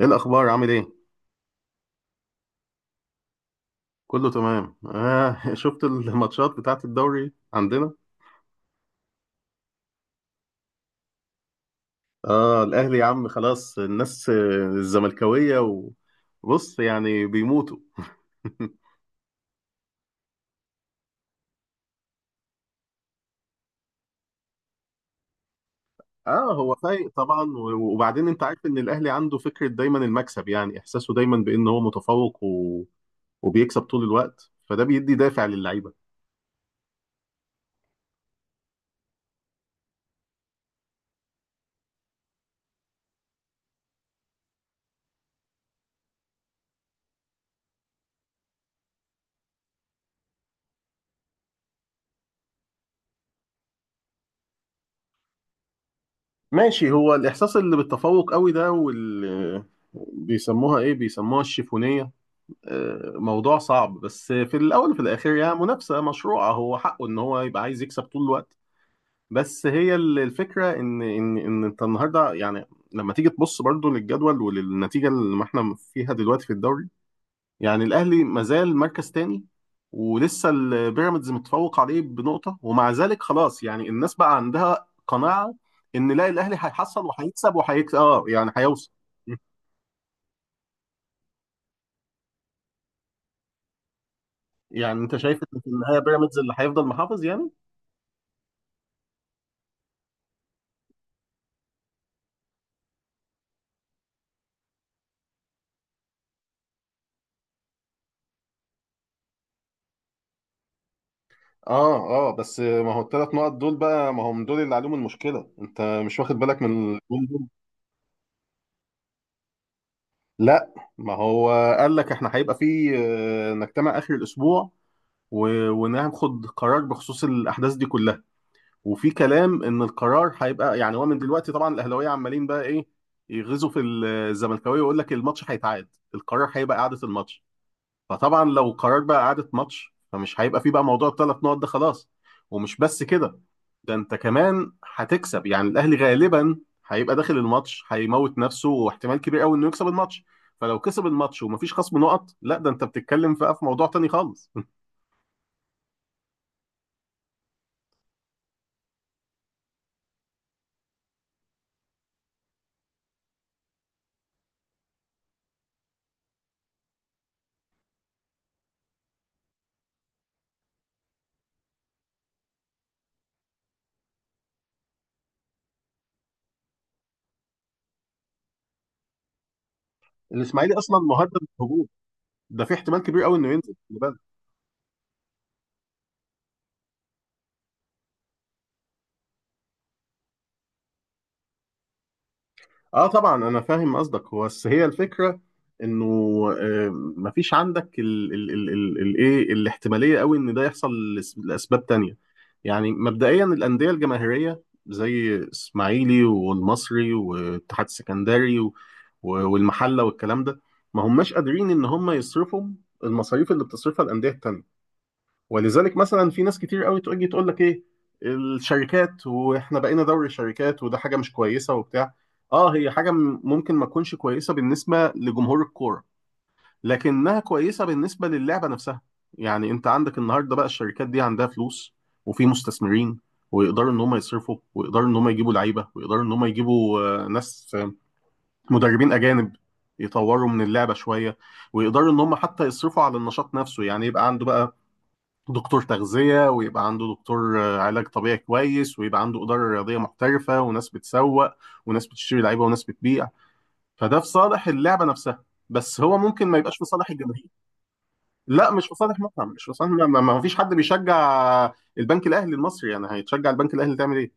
ايه الاخبار؟ عامل ايه؟ كله تمام، آه. شفت الماتشات بتاعت الدوري عندنا؟ اه الاهلي يا عم خلاص الناس، الزملكاويه، وبص يعني بيموتوا. اه هو فايق طبعا، وبعدين انت عارف ان الاهلي عنده فكره دايما المكسب، يعني احساسه دايما بان هو متفوق وبيكسب طول الوقت، فده بيدي دافع للعيبه. ماشي، هو الاحساس اللي بالتفوق قوي ده، بيسموها ايه، بيسموها الشيفونيه. موضوع صعب، بس في الاول وفي الاخر يعني منافسه مشروعه، هو حقه ان هو يبقى عايز يكسب طول الوقت. بس هي الفكره ان انت النهارده يعني لما تيجي تبص برضو للجدول وللنتيجه اللي احنا فيها دلوقتي في الدوري، يعني الاهلي مازال مركز تاني، ولسه البيراميدز متفوق عليه بنقطه، ومع ذلك خلاص يعني الناس بقى عندها قناعه ان لا، الاهلي هيحصل وهيكسب وهيكسب، اه يعني هيوصل. يعني انت شايف ان في النهايه بيراميدز اللي هيفضل محافظ يعني؟ اه اه، بس ما هو الثلاث نقط دول بقى ما هم دول اللي عليهم المشكله، انت مش واخد بالك من الجون دول؟ لا، ما هو قال لك احنا هيبقى في نجتمع اخر الاسبوع وناخد قرار بخصوص الاحداث دي كلها. وفي كلام ان القرار هيبقى، يعني هو من دلوقتي طبعا الاهلاويه عمالين بقى ايه، يغزوا في الزملكاويه ويقول لك الماتش هيتعاد، القرار هيبقى اعاده الماتش. فطبعا لو قرار بقى اعاده ماتش، فمش هيبقى في بقى موضوع الثلاث نقط ده خلاص. ومش بس كده، ده انت كمان هتكسب، يعني الاهلي غالبا هيبقى داخل الماتش هيموت نفسه، واحتمال كبير قوي انه يكسب الماتش. فلو كسب الماتش ومفيش خصم نقط، لا ده انت بتتكلم بقى في موضوع تاني خالص. الاسماعيلي اصلا مهدد بالهبوط، ده في احتمال كبير قوي انه ينزل. اه طبعا انا فاهم قصدك، هو بس هي الفكره انه آه، مفيش عندك ال ال ال ال ال ايه الاحتماليه قوي ان ده يحصل لاسباب تانية. يعني مبدئيا الانديه الجماهيريه زي اسماعيلي والمصري والاتحاد السكندري والمحله والكلام ده، ما هماش قادرين ان هم يصرفوا المصاريف اللي بتصرفها الانديه التانية. ولذلك مثلا في ناس كتير قوي تيجي تقول لك ايه، الشركات، واحنا بقينا دوري الشركات، وده حاجه مش كويسه وبتاع. اه، هي حاجه ممكن ما تكونش كويسه بالنسبه لجمهور الكوره، لكنها كويسه بالنسبه للعبه نفسها. يعني انت عندك النهارده بقى الشركات دي عندها فلوس وفي مستثمرين، ويقدروا ان هم يصرفوا، ويقدروا ان هم يجيبوا لعيبه، ويقدروا ان هم يجيبوا ناس، مدربين اجانب يطوروا من اللعبه شويه، ويقدروا ان هم حتى يصرفوا على النشاط نفسه، يعني يبقى عنده بقى دكتور تغذية، ويبقى عنده دكتور علاج طبيعي كويس، ويبقى عنده إدارة رياضية محترفة، وناس بتسوق، وناس بتشتري لعيبة، وناس بتبيع. فده في صالح اللعبة نفسها، بس هو ممكن ما يبقاش في صالح الجماهير. لا، مش في صالح مطعم، مش في صالح ما فيش حد بيشجع البنك الأهلي المصري، يعني هيتشجع البنك الأهلي تعمل إيه؟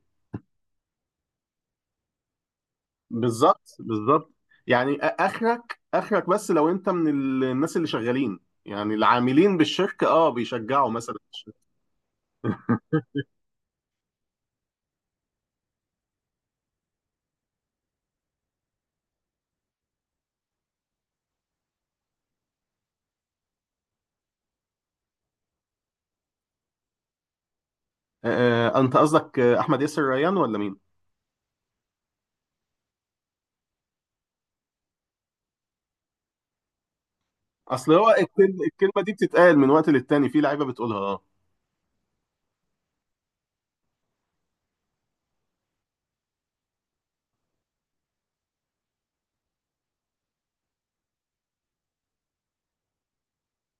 بالظبط، بالظبط. يعني آخرك بس لو أنت من الناس اللي شغالين، يعني العاملين بالشركة اه بيشجعوا مثلا. انت قصدك احمد ياسر ريان ولا مين؟ اصل هو الكلمه، الكلمه دي بتتقال من وقت للتاني، في لعيبه بتقولها اه.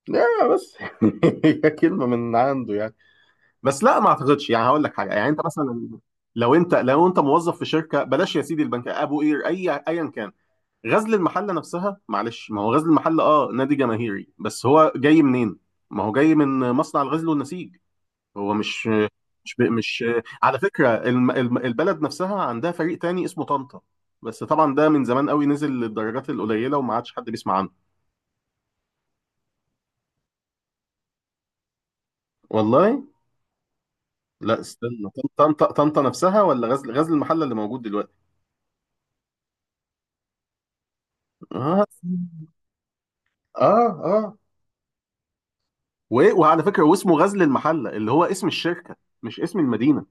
لا بس هي كلمة من عنده يعني. بس لا، ما اعتقدش. يعني هقول لك حاجه، يعني انت مثلا لو انت موظف في شركه، بلاش يا سيدي البنك ابو قير، اي ايا كان، غزل المحله نفسها، معلش ما هو غزل المحله اه نادي جماهيري، بس هو جاي منين؟ ما هو جاي من مصنع الغزل والنسيج، هو مش مش مش على فكرة البلد نفسها عندها فريق تاني اسمه طنطا، بس طبعا ده من زمان قوي نزل للدرجات القليلة وما عادش حد بيسمع عنه. والله، لا استنى، طنطا، طنطا نفسها ولا غزل المحلة اللي موجود دلوقتي؟ اه اه اه، وعلى فكرة واسمه غزل المحلة اللي هو اسم الشركة، مش اسم المدينة.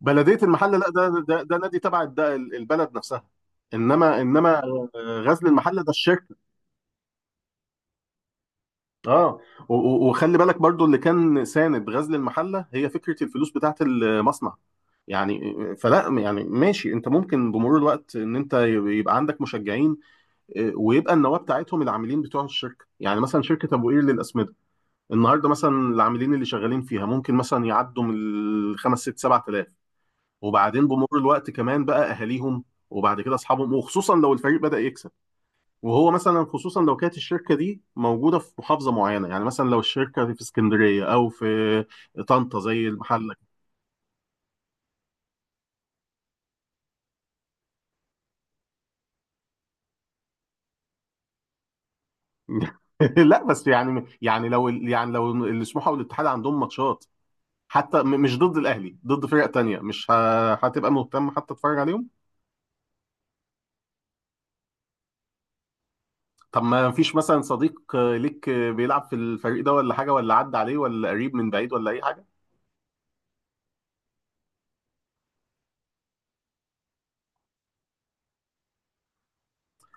بلدية المحلة، لا ده نادي تبع البلد نفسها، انما غزل المحلة ده الشركة. اه وخلي بالك برضو اللي كان ساند غزل المحله هي فكره الفلوس بتاعه المصنع، يعني فلا يعني ماشي انت ممكن بمرور الوقت ان انت يبقى عندك مشجعين، اه، ويبقى النواه بتاعتهم العاملين بتوع الشركه، يعني مثلا شركه ابو قير للاسمده النهارده مثلا العاملين اللي شغالين فيها ممكن مثلا يعدوا من الخمس ست سبعة آلاف، وبعدين بمرور الوقت كمان بقى اهاليهم، وبعد كده اصحابهم، وخصوصا لو الفريق بدأ يكسب، وهو مثلا خصوصا لو كانت الشركه دي موجوده في محافظه معينه، يعني مثلا لو الشركه في اسكندريه او في طنطا زي المحل. لا بس لو السموحه والاتحاد عندهم ماتشات، حتى مش ضد الاهلي، ضد فرق تانية، مش هتبقى مهتم حتى تتفرج عليهم. طب ما فيش مثلا صديق ليك بيلعب في الفريق ده ولا حاجه، ولا عدى عليه، ولا قريب من بعيد ولا اي حاجه؟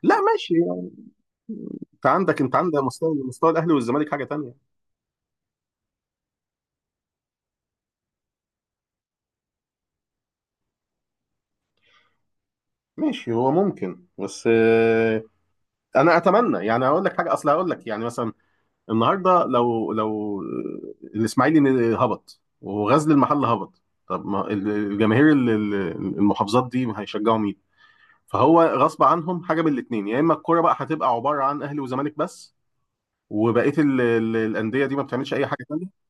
لا ماشي، انت عندك مستوى الاهلي والزمالك حاجه تانية. ماشي، هو ممكن بس انا اتمنى، يعني اقول لك حاجه، اصل هقول لك يعني مثلا النهارده، لو الاسماعيلي هبط وغزل المحله هبط، طب ما الجماهير المحافظات دي هيشجعوا مين؟ فهو غصب عنهم، حاجه من الاثنين، يا اما الكوره بقى هتبقى عباره عن اهلي وزمالك بس، وبقيه الانديه دي ما بتعملش اي حاجه ثانيه.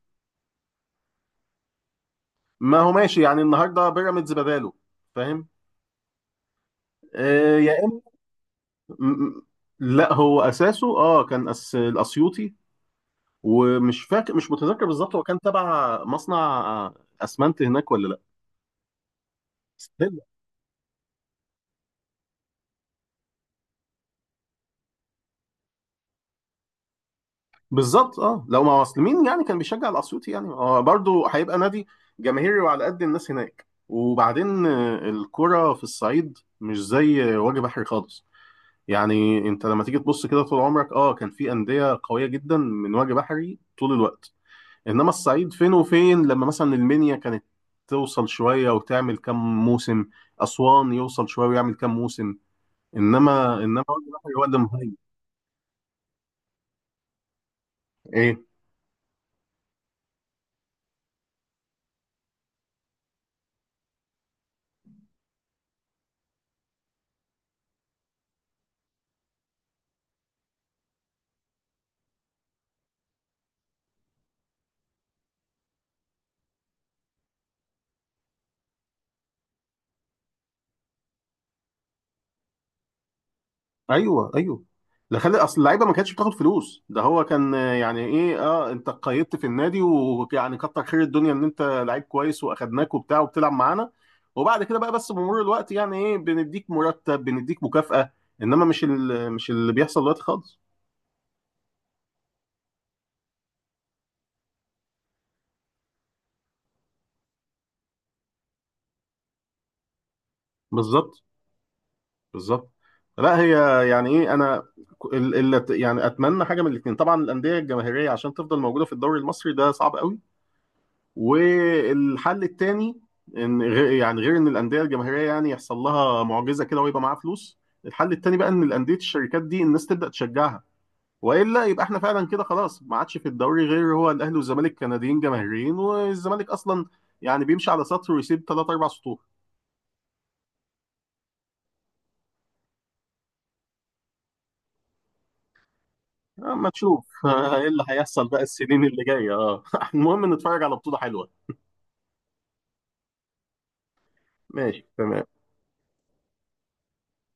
ما هو ماشي، يعني النهارده بيراميدز بداله، فاهم؟ آه، يا اما م- م- لا، هو اساسه اه كان أس الاسيوطي، ومش فاكر، مش متذكر بالظبط، هو كان تبع مصنع اسمنت هناك ولا لا، ستيل. بالظبط اه، لو ما اصل مين يعني كان بيشجع الاسيوطي، يعني هو برضه هيبقى نادي جماهيري، وعلى قد الناس هناك. وبعدين الكرة في الصعيد مش زي وجه بحري خالص، يعني انت لما تيجي تبص كده طول عمرك اه كان في انديه قويه جدا من وجه بحري طول الوقت، الصعيد فين وفين، لما مثلا المنيا كانت توصل شويه وتعمل كام موسم، اسوان يوصل شويه ويعمل كام موسم، انما وجه واحد هو دمهاي. ايه؟ ايوه، ايوه. لا، خلي اصل اللعيبه ما كانتش بتاخد فلوس، ده هو كان يعني ايه اه، انت قيدت في النادي، ويعني كتر خير الدنيا ان انت لعيب كويس، واخدناك وبتاع وبتلعب معانا، وبعد كده بقى بس بمرور الوقت يعني ايه بنديك مرتب، بنديك مكافأة، انما مش اللي بيحصل دلوقتي خالص. بالظبط، بالظبط. لا هي، يعني ايه، انا يعني اتمنى حاجه من الاثنين، طبعا الانديه الجماهيريه عشان تفضل موجوده في الدوري المصري ده صعب قوي، والحل الثاني ان غير، يعني غير ان الانديه الجماهيريه يعني يحصل لها معجزه كده ويبقى معاها فلوس، الحل الثاني بقى ان الانديه الشركات دي الناس تبدا تشجعها، والا يبقى احنا فعلا كده خلاص ما عادش في الدوري غير هو الاهلي والزمالك كنديين جماهيريين. والزمالك اصلا يعني بيمشي على سطر ويسيب ثلاث اربع سطور. اما نشوف ايه اللي هيحصل بقى السنين اللي جايه، اه المهم نتفرج على بطوله حلوه. ماشي، تمام.